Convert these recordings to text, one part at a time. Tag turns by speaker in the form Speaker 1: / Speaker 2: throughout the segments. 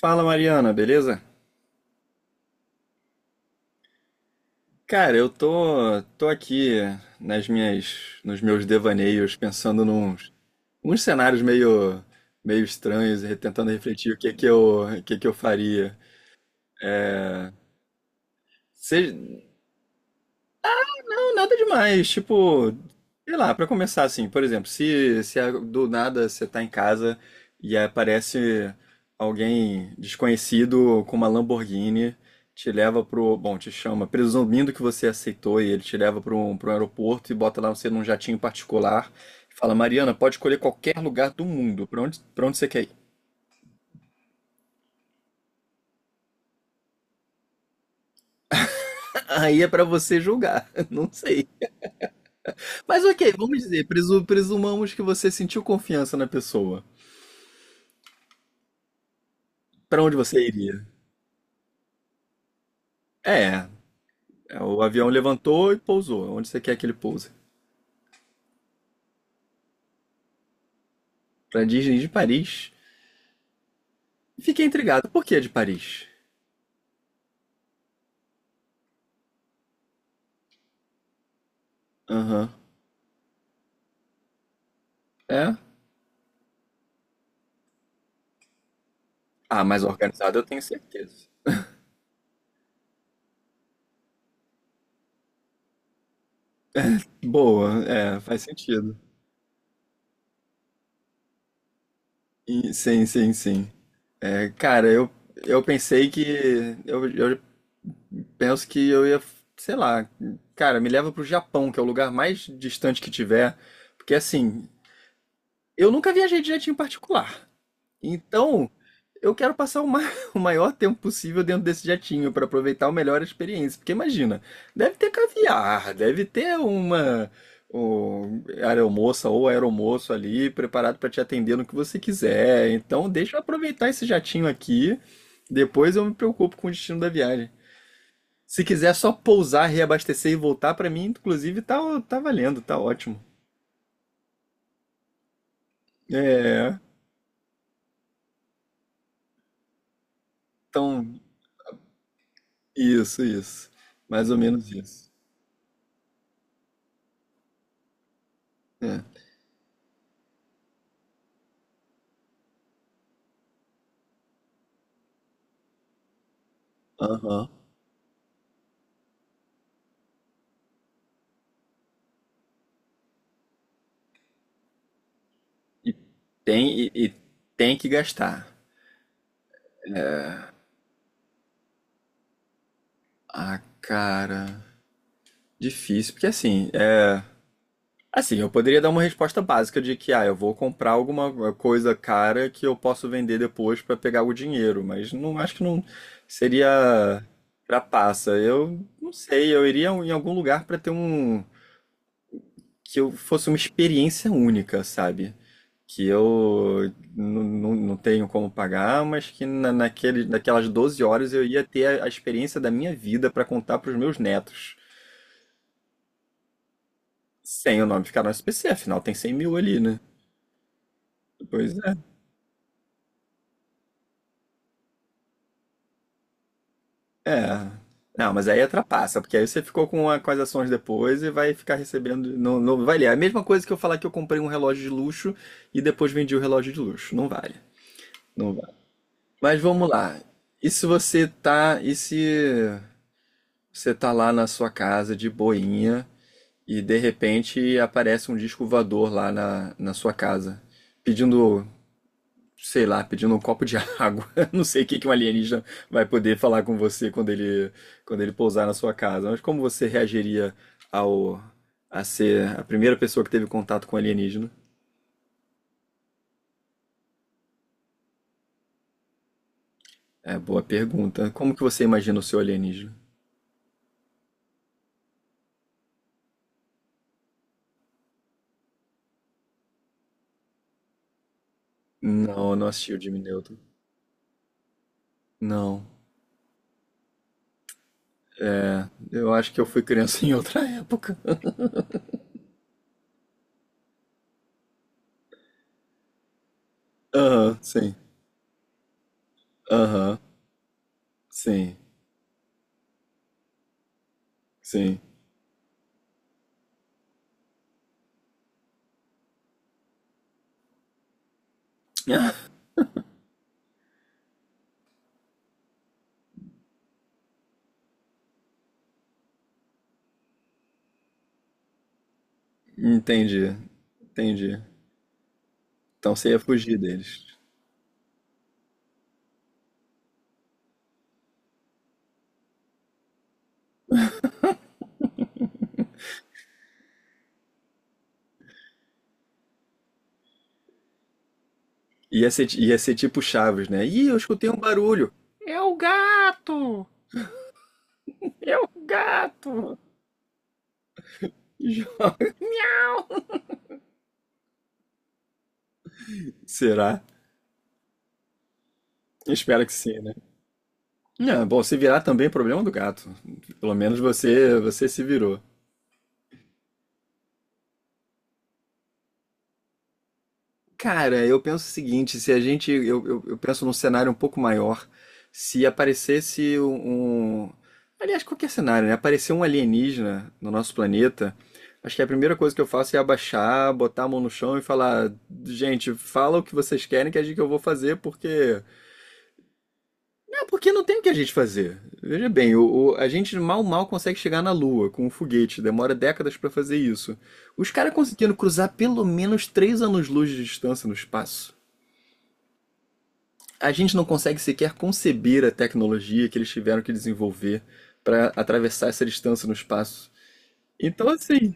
Speaker 1: Fala Mariana, beleza? Cara, eu tô aqui nos meus devaneios, pensando nos uns cenários meio estranhos e tentando refletir o que que eu faria. Nada demais, tipo, sei lá, pra começar assim, por exemplo, se a- do nada você tá em casa e aparece alguém desconhecido com uma Lamborghini, te leva pro, bom, te chama, presumindo que você aceitou e ele te leva pro um aeroporto e bota lá você num jatinho particular e fala, Mariana, pode escolher qualquer lugar do mundo, pra onde você quer ir. Aí é pra você julgar, não sei. Mas ok, vamos dizer, presumamos que você sentiu confiança na pessoa. Pra onde você iria? É, o avião levantou e pousou. Onde você quer que ele pouse? Pra Disney de Paris. Fiquei intrigado. Por que de Paris? Aham. É? Ah, mas organizado eu tenho certeza. Boa, é, faz sentido. E sim, sim, sim. É, cara, eu, eu pensei que. Eu penso que eu ia, sei lá, cara, me leva pro Japão, que é o lugar mais distante que tiver. Porque assim, eu nunca viajei de jeitinho particular. Então, eu quero passar o maior tempo possível dentro desse jatinho para aproveitar o melhor a experiência. Porque imagina, deve ter caviar, deve ter uma aeromoça ou aeromoço ali preparado para te atender no que você quiser. Então, deixa eu aproveitar esse jatinho aqui. Depois eu me preocupo com o destino da viagem. Se quiser só pousar, reabastecer e voltar, para mim, inclusive, tá valendo, tá ótimo. É, então, isso. Mais ou menos isso. É. Aham. E e tem que gastar. Ah, cara. Difícil, porque assim, é. Assim, eu poderia dar uma resposta básica de que, ah, eu vou comprar alguma coisa cara que eu posso vender depois pra pegar o dinheiro, mas não acho que não seria trapaça. Eu não sei, eu iria em algum lugar pra ter um. Que eu fosse uma experiência única, sabe? que eu não tenho como pagar, mas que naquelas 12 horas eu ia ter a experiência da minha vida para contar para os meus netos. Sem o nome ficar no SPC, afinal tem 100 mil ali, né? Pois é. É. Não, mas aí atrapassa, porque aí você ficou com as ações depois e vai ficar recebendo. Não, não vale. É a mesma coisa que eu falar que eu comprei um relógio de luxo e depois vendi o relógio de luxo. Não vale. Não vale. Mas vamos lá. E se você tá. E se você tá lá na sua casa de boinha, e de repente aparece um disco voador na sua casa, pedindo, sei lá, pedindo um copo de água. Não sei o que que um alienígena vai poder falar com você quando ele pousar na sua casa. Mas como você reagiria ao a ser a primeira pessoa que teve contato com alienígena? É, boa pergunta. Como que você imagina o seu alienígena? Não, eu não assisti o Jimmy Neutron. Não, eu acho que eu fui criança em outra época. Aham, sim. Aham, sim, sim. Entendi, entendi. Então você ia fugir deles. Ia ser tipo Chaves, né? Ih, eu escutei um barulho. É o gato! É o gato! Será? Espero que sim, né? Não, bom, se virar também é problema do gato. Pelo menos você, você se virou. Cara, eu penso o seguinte, se a gente, eu penso num cenário um pouco maior, se aparecesse aliás, qualquer cenário, né? Aparecer um alienígena no nosso planeta, acho que a primeira coisa que eu faço é abaixar, botar a mão no chão e falar, gente, fala o que vocês querem que a gente que eu vou fazer, porque não tem o que a gente fazer. Veja bem, a gente mal consegue chegar na Lua com um foguete, demora décadas pra fazer isso. Os caras conseguindo cruzar pelo menos 3 anos-luz de distância no espaço. A gente não consegue sequer conceber a tecnologia que eles tiveram que desenvolver para atravessar essa distância no espaço. Então, assim,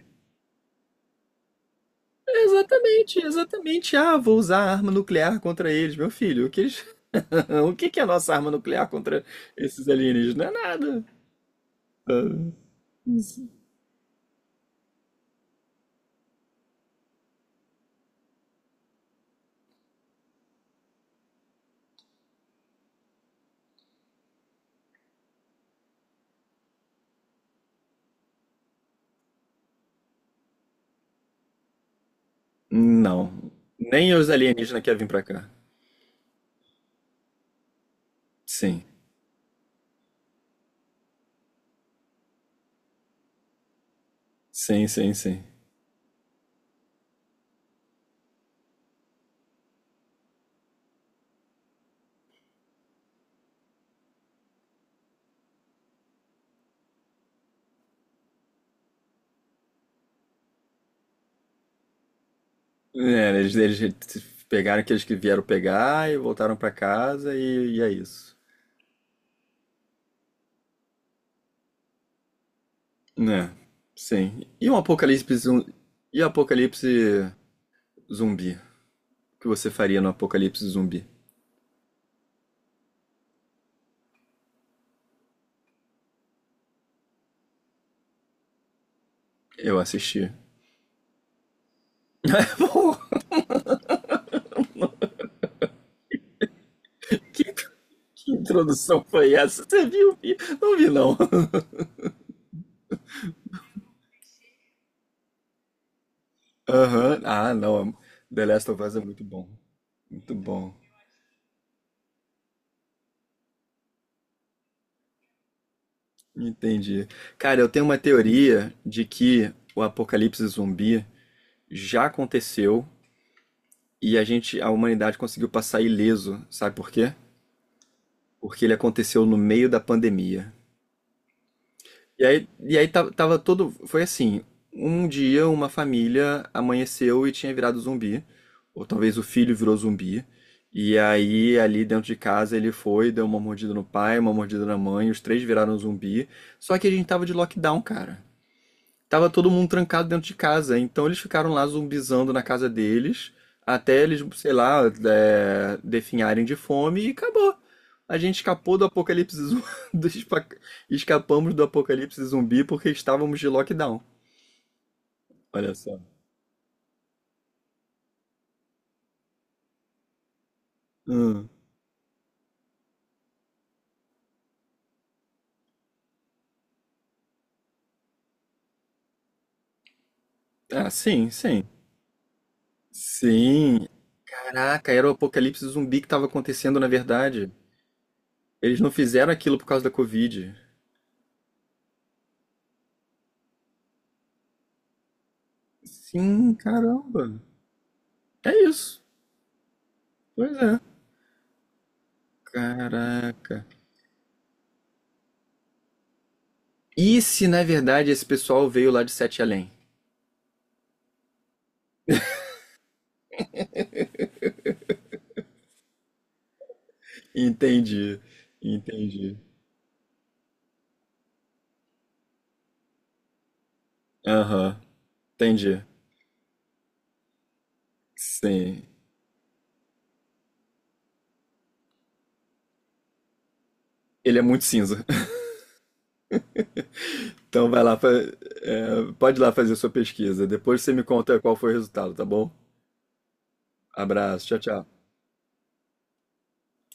Speaker 1: exatamente, exatamente. Ah, vou usar a arma nuclear contra eles, meu filho. O que eles... o que que é a nossa arma nuclear contra esses alienígenas? Não é nada. Ah, não. Nem os alienígenas querem vir pra cá. Sim, sim, sim, sim. É, eles pegaram aqueles que vieram pegar e voltaram pra casa e é isso. Né, sim. E um apocalipse zumbi? E o apocalipse zumbi? O que você faria no apocalipse zumbi? Eu assisti. Pô, que, que introdução foi essa? Você viu? Não vi, não. Aham. Ah, não. The Last of Us é muito bom. Muito bom. Entendi. Cara, eu tenho uma teoria de que o apocalipse zumbi já aconteceu e a humanidade conseguiu passar ileso. Sabe por quê? Porque ele aconteceu no meio da pandemia. E aí tava todo. Foi assim: um dia uma família amanheceu e tinha virado zumbi, ou talvez o filho virou zumbi. E aí, ali dentro de casa, ele foi, deu uma mordida no pai, uma mordida na mãe, os três viraram zumbi. Só que a gente tava de lockdown, cara. Tava todo mundo trancado dentro de casa, então eles ficaram lá zumbizando na casa deles, até eles, sei lá, é, definharem de fome e acabou. A gente escapou do apocalipse zumbi, do espa- escapamos do apocalipse zumbi porque estávamos de lockdown. Olha só. Hum. Ah, sim, sim. Sim. Caraca, era o apocalipse zumbi que estava acontecendo, na verdade. Eles não fizeram aquilo por causa da Covid. Sim, caramba. É isso. Pois é. Caraca. E se na verdade esse pessoal veio lá de Sete Além? Entendi, entendi. Aham, entendi. Sim. Ele é muito cinza. Então vai lá, é, pode ir lá fazer sua pesquisa. Depois você me conta qual foi o resultado, tá bom? Abraço, tchau, tchau.